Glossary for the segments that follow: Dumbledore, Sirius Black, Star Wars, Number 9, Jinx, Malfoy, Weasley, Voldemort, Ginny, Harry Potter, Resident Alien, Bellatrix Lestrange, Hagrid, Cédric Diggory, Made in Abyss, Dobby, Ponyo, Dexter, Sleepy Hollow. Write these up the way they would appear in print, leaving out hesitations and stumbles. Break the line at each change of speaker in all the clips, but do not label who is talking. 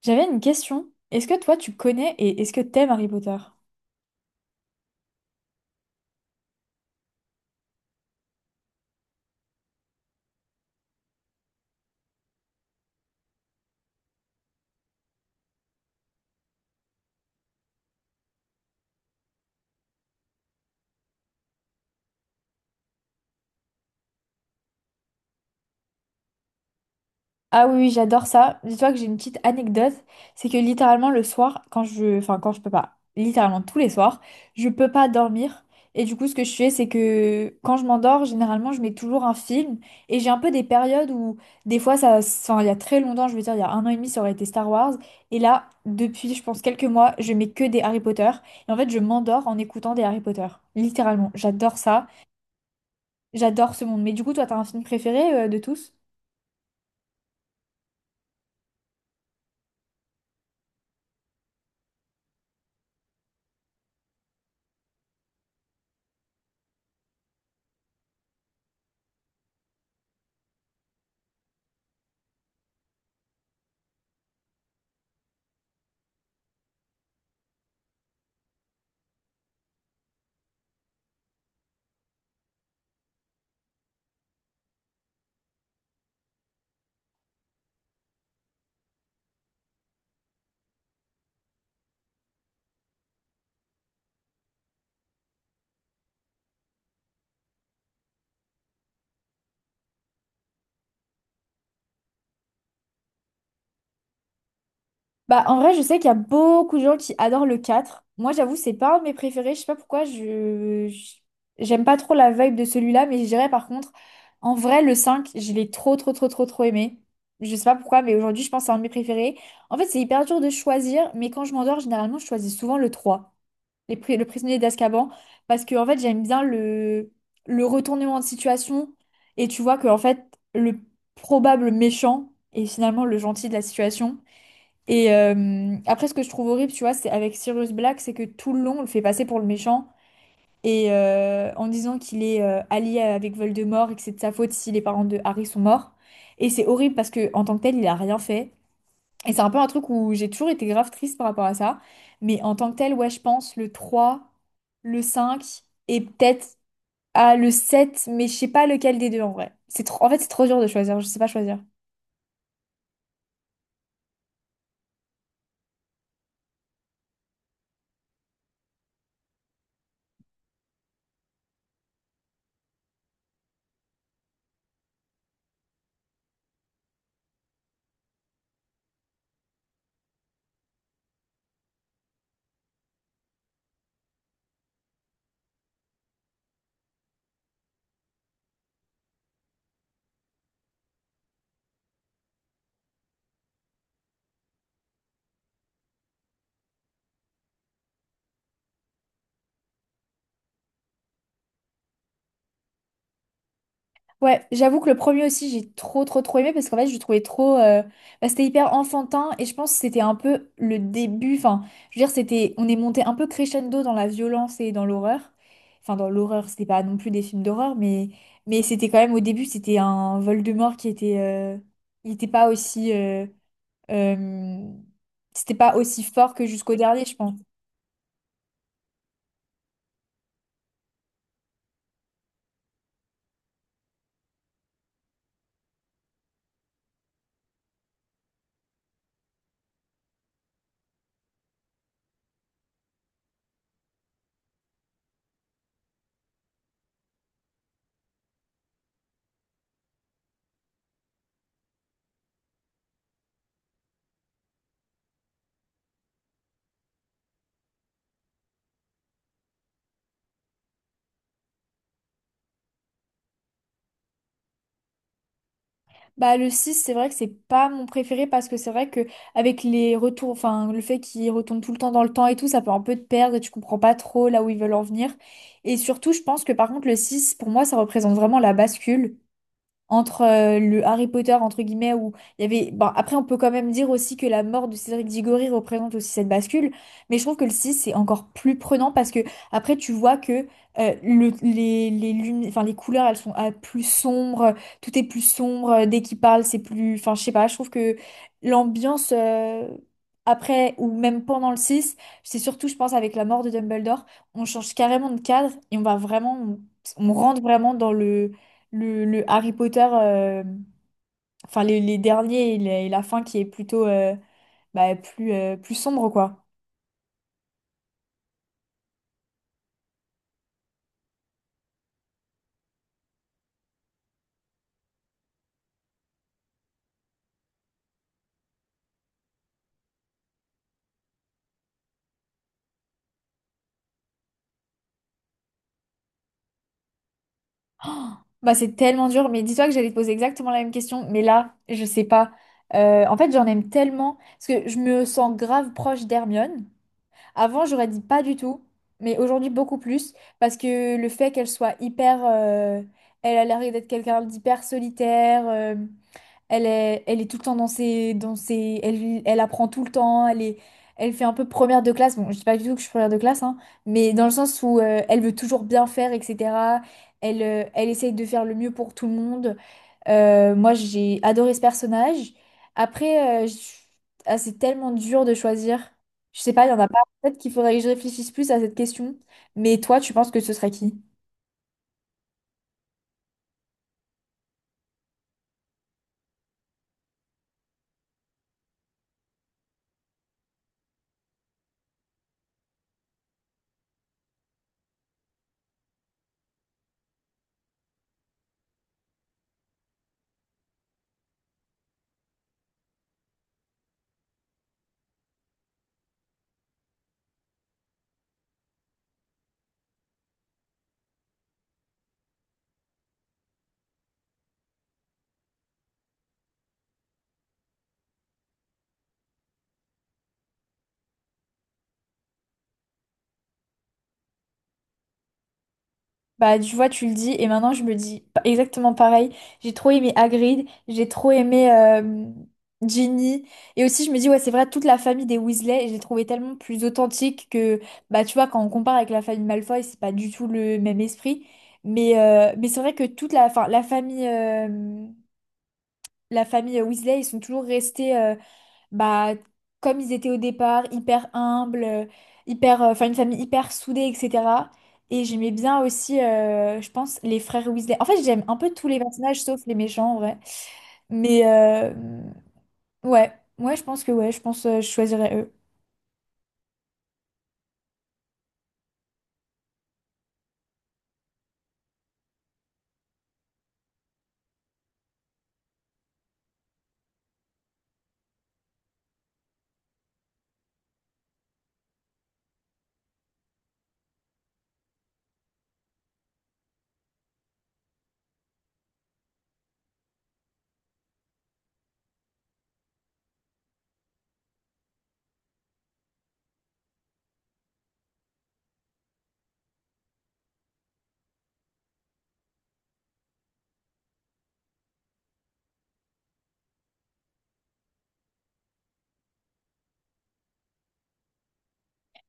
J'avais une question. Est-ce que toi tu connais et est-ce que t'aimes Harry Potter? Ah oui, oui, j'adore ça. Dis-toi que j'ai une petite anecdote, c'est que littéralement le soir, quand je, enfin quand je peux pas, littéralement tous les soirs, je peux pas dormir. Et du coup, ce que je fais, c'est que quand je m'endors, généralement, je mets toujours un film. Et j'ai un peu des périodes où, des fois, ça, enfin, il y a très longtemps, je veux dire, il y a un an et demi, ça aurait été Star Wars. Et là, depuis, je pense, quelques mois, je mets que des Harry Potter. Et en fait, je m'endors en écoutant des Harry Potter. Littéralement, j'adore ça. J'adore ce monde. Mais du coup, toi, t'as un film préféré de tous? Bah, en vrai, je sais qu'il y a beaucoup de gens qui adorent le quatre. Moi, j'avoue, c'est pas un de mes préférés. Je sais pas pourquoi, je... J'aime pas trop la vibe de celui-là, mais je dirais par contre, en vrai, le cinq, je l'ai trop, trop, trop, trop, trop aimé. Je sais pas pourquoi, mais aujourd'hui, je pense que c'est un de mes préférés. En fait, c'est hyper dur de choisir, mais quand je m'endors, généralement, je choisis souvent le trois. Le prisonnier d'Azkaban, parce que en fait j'aime bien le retournement de situation, et tu vois que en fait le probable méchant est finalement le gentil de la situation. Et après, ce que je trouve horrible, tu vois, c'est avec Sirius Black, c'est que tout le long on le fait passer pour le méchant et en disant qu'il est allié avec Voldemort et que c'est de sa faute si les parents de Harry sont morts. Et c'est horrible parce que en tant que tel il a rien fait, et c'est un peu un truc où j'ai toujours été grave triste par rapport à ça. Mais en tant que tel, ouais, je pense le trois, le cinq, et peut-être à le sept, mais je sais pas lequel des deux en vrai. C'est trop... En fait, c'est trop dur de choisir, je sais pas choisir. Ouais, j'avoue que le premier aussi, j'ai trop, trop, trop aimé parce qu'en fait, je le trouvais trop. Bah, c'était hyper enfantin et je pense que c'était un peu le début. Enfin, je veux dire, c'était, on est monté un peu crescendo dans la violence et dans l'horreur. Enfin, dans l'horreur, c'était pas non plus des films d'horreur, mais c'était quand même au début, c'était un Voldemort qui était. Il était pas aussi. Euh, C'était pas aussi fort que jusqu'au dernier, je pense. Bah, le six, c'est vrai que c'est pas mon préféré, parce que c'est vrai que avec les retours, enfin, le fait qu'ils retournent tout le temps dans le temps et tout, ça peut un peu te perdre et tu comprends pas trop là où ils veulent en venir. Et surtout, je pense que par contre, le six, pour moi, ça représente vraiment la bascule entre le Harry Potter entre guillemets où il y avait, bon, après on peut quand même dire aussi que la mort de Cédric Diggory représente aussi cette bascule, mais je trouve que le 6 c'est encore plus prenant, parce que après tu vois que les enfin les couleurs, elles sont, ah, plus sombres, tout est plus sombre. Dès qu'il parle, c'est plus, enfin je sais pas, je trouve que l'ambiance, après ou même pendant le six, c'est surtout, je pense, avec la mort de Dumbledore, on change carrément de cadre, et on va vraiment, on rentre vraiment dans le le Harry Potter, enfin les derniers, et et la fin qui est plutôt, plus, plus sombre, quoi. Bah, c'est tellement dur, mais dis-toi que j'allais te poser exactement la même question, mais là, je sais pas. En fait, j'en aime tellement, parce que je me sens grave proche d'Hermione. Avant, j'aurais dit pas du tout, mais aujourd'hui, beaucoup plus, parce que le fait qu'elle soit hyper... Elle a l'air d'être quelqu'un d'hyper solitaire. Elle est tout le temps dans dans ses, elle, elle apprend tout le temps. Elle est, elle fait un peu première de classe. Bon, je dis pas du tout que je suis première de classe, hein, mais dans le sens où elle veut toujours bien faire, etc. Elle, elle essaye de faire le mieux pour tout le monde. Moi, j'ai adoré ce personnage. Après, c'est tellement dur de choisir. Je sais pas, il y en a pas. Peut-être qu'il faudrait que je réfléchisse plus à cette question. Mais toi, tu penses que ce serait qui? Bah, tu vois, tu le dis, et maintenant je me dis exactement pareil. J'ai trop aimé Hagrid, j'ai trop aimé, Ginny, et aussi je me dis, ouais, c'est vrai, toute la famille des Weasley, je l'ai trouvé tellement plus authentique que, bah, tu vois, quand on compare avec la famille Malfoy, c'est pas du tout le même esprit. Mais c'est vrai que toute la, enfin, la famille Weasley, ils sont toujours restés, bah, comme ils étaient au départ, hyper humbles, enfin une famille hyper soudée, etc. Et j'aimais bien aussi, je pense, les frères Weasley. En fait, j'aime un peu tous les personnages sauf les méchants, en vrai. Mais ouais, ouais, je pense que ouais, je pense, je choisirais eux.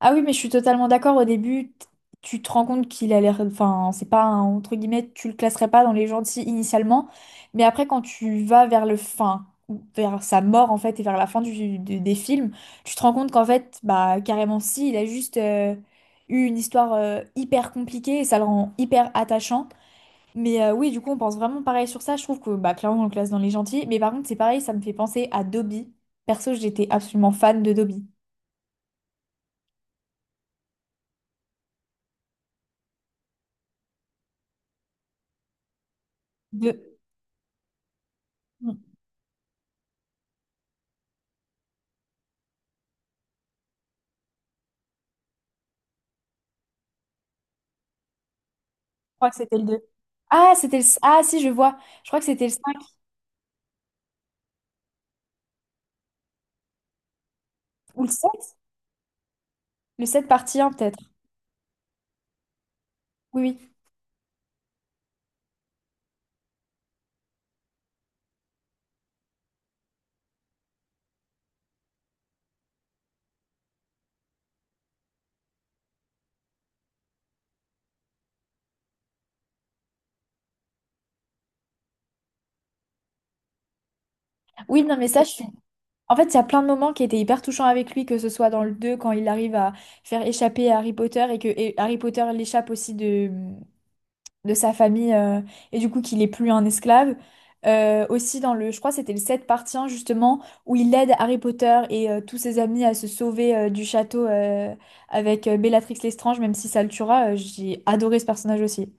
Ah oui, mais je suis totalement d'accord. Au début, tu te rends compte qu'il a l'air. Enfin, c'est pas un- entre guillemets, tu le classerais pas dans les gentils initialement. Mais après, quand tu vas vers le fin, ou vers sa mort en fait, et vers la fin des films, tu te rends compte qu'en fait, bah carrément si, il a juste, eu une histoire, hyper compliquée, et ça le rend hyper attachant. Mais oui, du coup, on pense vraiment pareil sur ça. Je trouve que, bah, clairement, on le classe dans les gentils. Mais par contre, c'est pareil, ça me fait penser à Dobby. Perso, j'étais absolument fan de Dobby. De... crois que c'était le 2. Ah, c'était le... Ah, si, je vois. Je crois que c'était le cinq ou le 7, le 7 partie 1, peut-être. Oui, oui. Oui, non, mais ça, je suis... En fait, il y a plein de moments qui étaient hyper touchants avec lui, que ce soit dans le 2 quand il arrive à faire échapper Harry Potter, et que et Harry Potter l'échappe aussi de sa famille, et du coup qu'il est plus un esclave. Aussi dans le... Je crois que c'était le 7 partie 1, justement, où il aide Harry Potter et tous ses amis à se sauver, du château, avec, Bellatrix Lestrange, même si ça le tuera. J'ai adoré ce personnage aussi.